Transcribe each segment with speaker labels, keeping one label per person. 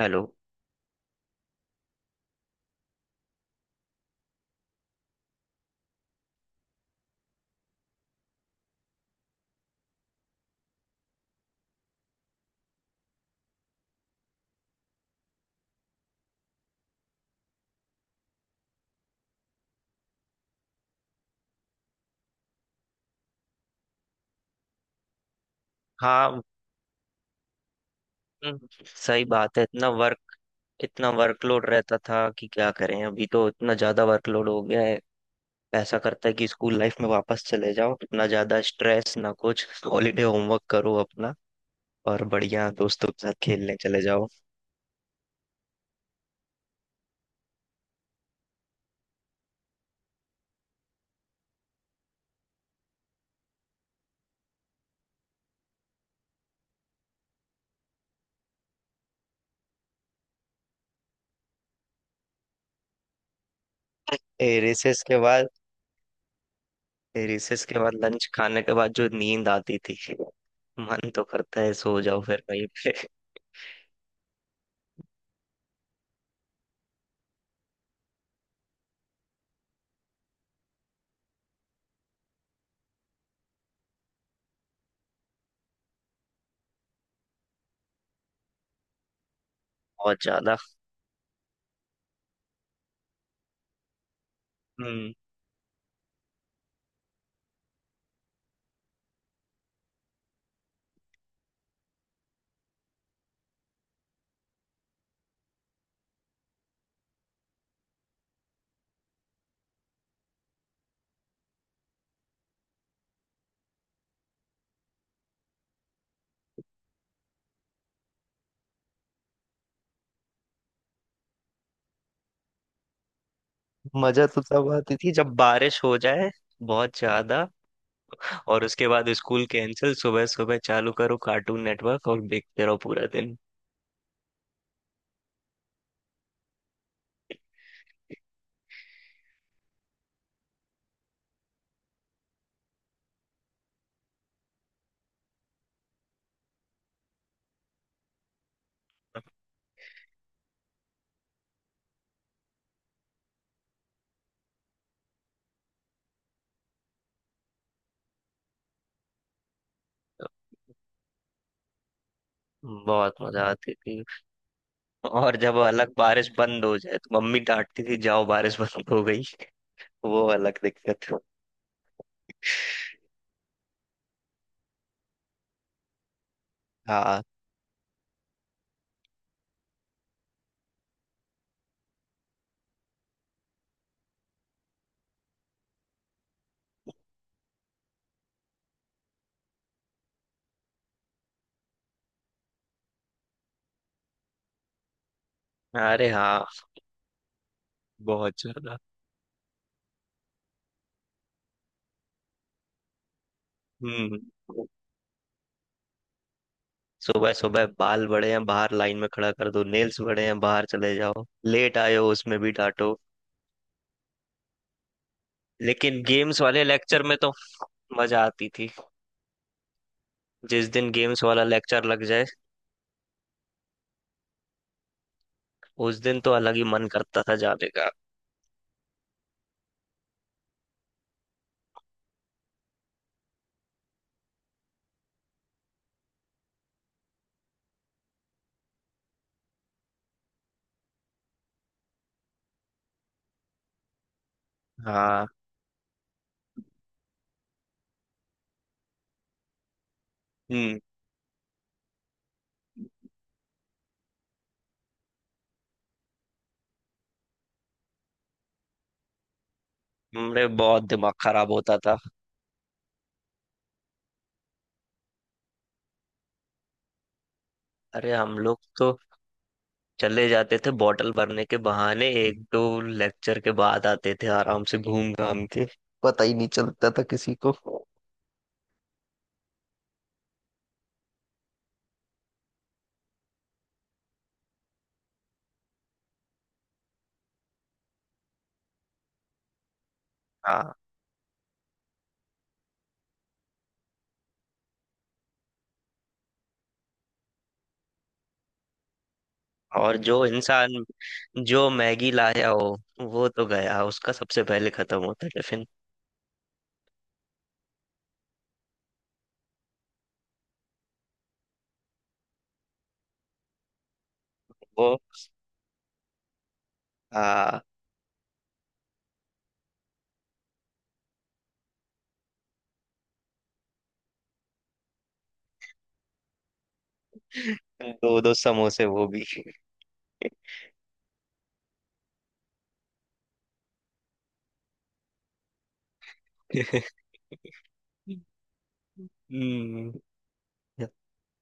Speaker 1: Hello. हाँ। हम्म, सही बात है। इतना वर्क, इतना वर्कलोड रहता था कि क्या करें। अभी तो इतना ज्यादा वर्कलोड हो गया है। ऐसा करता है कि स्कूल लाइफ में वापस चले जाओ, इतना ज्यादा स्ट्रेस ना कुछ। हॉलीडे होमवर्क करो अपना और बढ़िया दोस्तों के साथ खेलने चले जाओ। Recess के बाद, रिसेस के बाद लंच खाने के बाद जो नींद आती थी, मन तो करता है सो जाओ फिर वहीं पे। बहुत ज्यादा। हम्म। मजा तो तब आती थी जब बारिश हो जाए। बहुत ज्यादा। और उसके बाद स्कूल कैंसिल, सुबह सुबह चालू करो कार्टून नेटवर्क और देखते रहो पूरा दिन। बहुत मजा आती थी। और जब अलग बारिश बंद हो जाए तो मम्मी डांटती थी, जाओ बारिश बंद हो गई। वो अलग दिक्कत। हाँ, अरे हाँ, बहुत ज्यादा। हम्म। सुबह सुबह बाल बड़े हैं बाहर लाइन में खड़ा कर दो, नेल्स बड़े हैं बाहर चले जाओ, लेट आए हो उसमें भी डांटो। लेकिन गेम्स वाले लेक्चर में तो मजा आती थी। जिस दिन गेम्स वाला लेक्चर लग जाए, उस दिन तो अलग ही मन करता था जाने का। हाँ। हम्म। हमरे बहुत दिमाग खराब होता था। अरे हम लोग तो चले जाते थे बॉटल भरने के बहाने, एक दो लेक्चर के बाद आते थे आराम से घूम घाम के। पता ही नहीं चलता था किसी को। हाँ। और जो इंसान, जो मैगी लाया हो, वो तो गया, उसका सबसे पहले खत्म होता टिफिन। वो हाँ। दो दो समोसे वो भी। हम्म।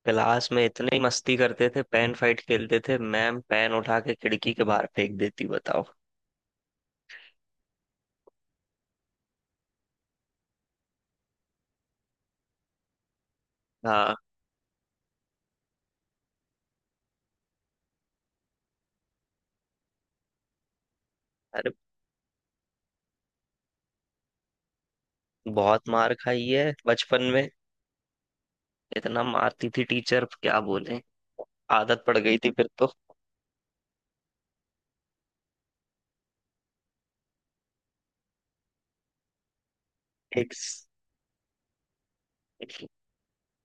Speaker 1: क्लास में इतनी मस्ती करते थे, पेन फाइट खेलते थे, मैम पेन उठा के खिड़की के बाहर फेंक देती, बताओ। हाँ, अरे, बहुत मार खाई है बचपन में। इतना मारती थी टीचर क्या बोले। आदत पड़ गई थी फिर तो। एक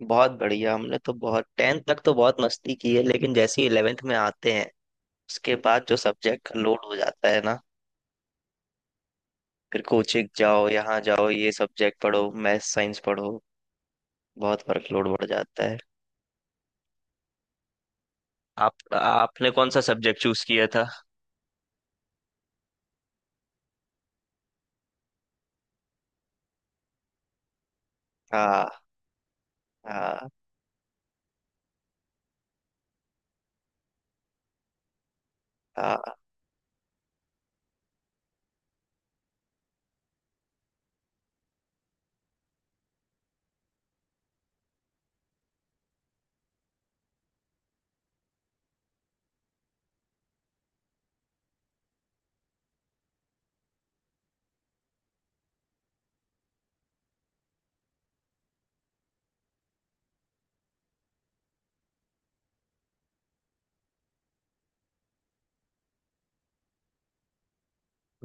Speaker 1: बहुत बढ़िया, हमने तो बहुत टेंथ तक तो बहुत मस्ती की है, लेकिन जैसे ही इलेवेंथ में आते हैं, उसके बाद जो सब्जेक्ट का लोड हो जाता है ना, फिर कोचिंग जाओ, यहाँ जाओ, ये सब्जेक्ट पढ़ो, मैथ साइंस पढ़ो, बहुत वर्कलोड बढ़ जाता है। आप, आपने कौन सा सब्जेक्ट चूज किया था? हाँ। हाँ। हाँ।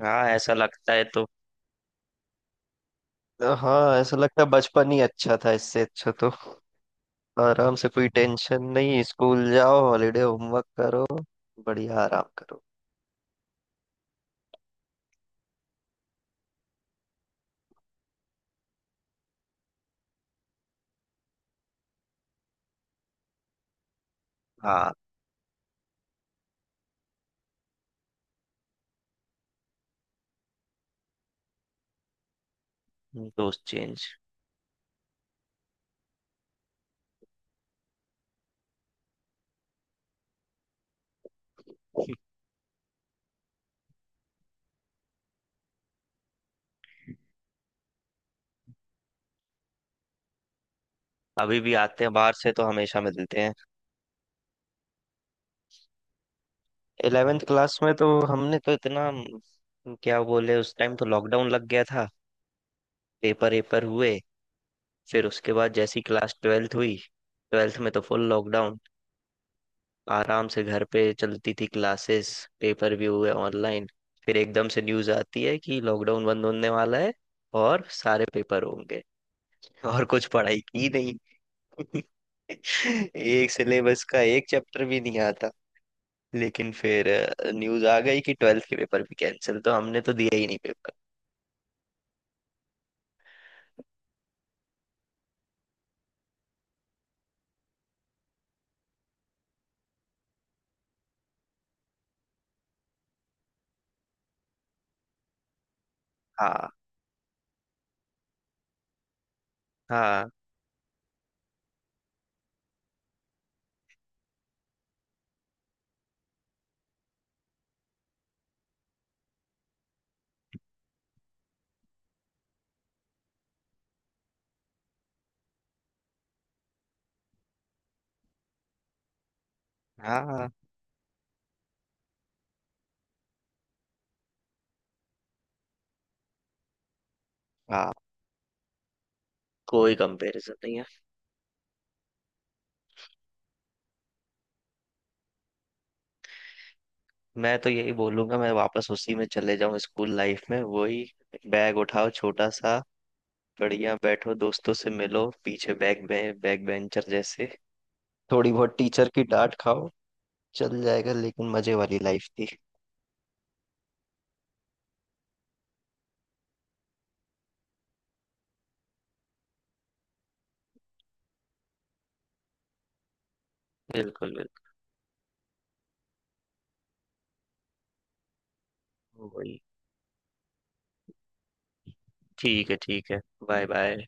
Speaker 1: हाँ, ऐसा लगता है तो। हाँ, ऐसा लगता है बचपन ही अच्छा था। इससे अच्छा तो आराम से, कोई टेंशन नहीं, स्कूल जाओ, हॉलीडे होमवर्क करो, बढ़िया आराम करो। हाँ। दोस्त चेंज। अभी भी आते हैं बाहर से तो हमेशा मिलते हैं। इलेवेंथ क्लास में तो हमने तो इतना क्या बोले, उस टाइम तो लॉकडाउन लग गया था। पेपर वेपर हुए, फिर उसके बाद जैसी क्लास ट्वेल्थ हुई, ट्वेल्थ में तो फुल लॉकडाउन। आराम से घर पे चलती थी क्लासेस, पेपर भी हुए ऑनलाइन। फिर एकदम से न्यूज़ आती है कि लॉकडाउन बंद होने वाला है और सारे पेपर होंगे, और कुछ पढ़ाई की नहीं। एक सिलेबस का एक चैप्टर भी नहीं आता, लेकिन फिर न्यूज आ गई कि ट्वेल्थ के पेपर भी कैंसिल, तो हमने तो दिया ही नहीं पेपर। हाँ। हाँ। हाँ। हाँ, कोई कंपैरिजन नहीं है। मैं तो यही बोलूंगा मैं वापस उसी में चले जाऊं, स्कूल लाइफ में वही बैग उठाओ छोटा सा, बढ़िया बैठो, दोस्तों से मिलो पीछे बैक बेंचर जैसे, थोड़ी बहुत टीचर की डांट खाओ, चल जाएगा। लेकिन मजे वाली लाइफ थी। बिल्कुल, बिल्कुल वही। ठीक है, ठीक है। Bye bye.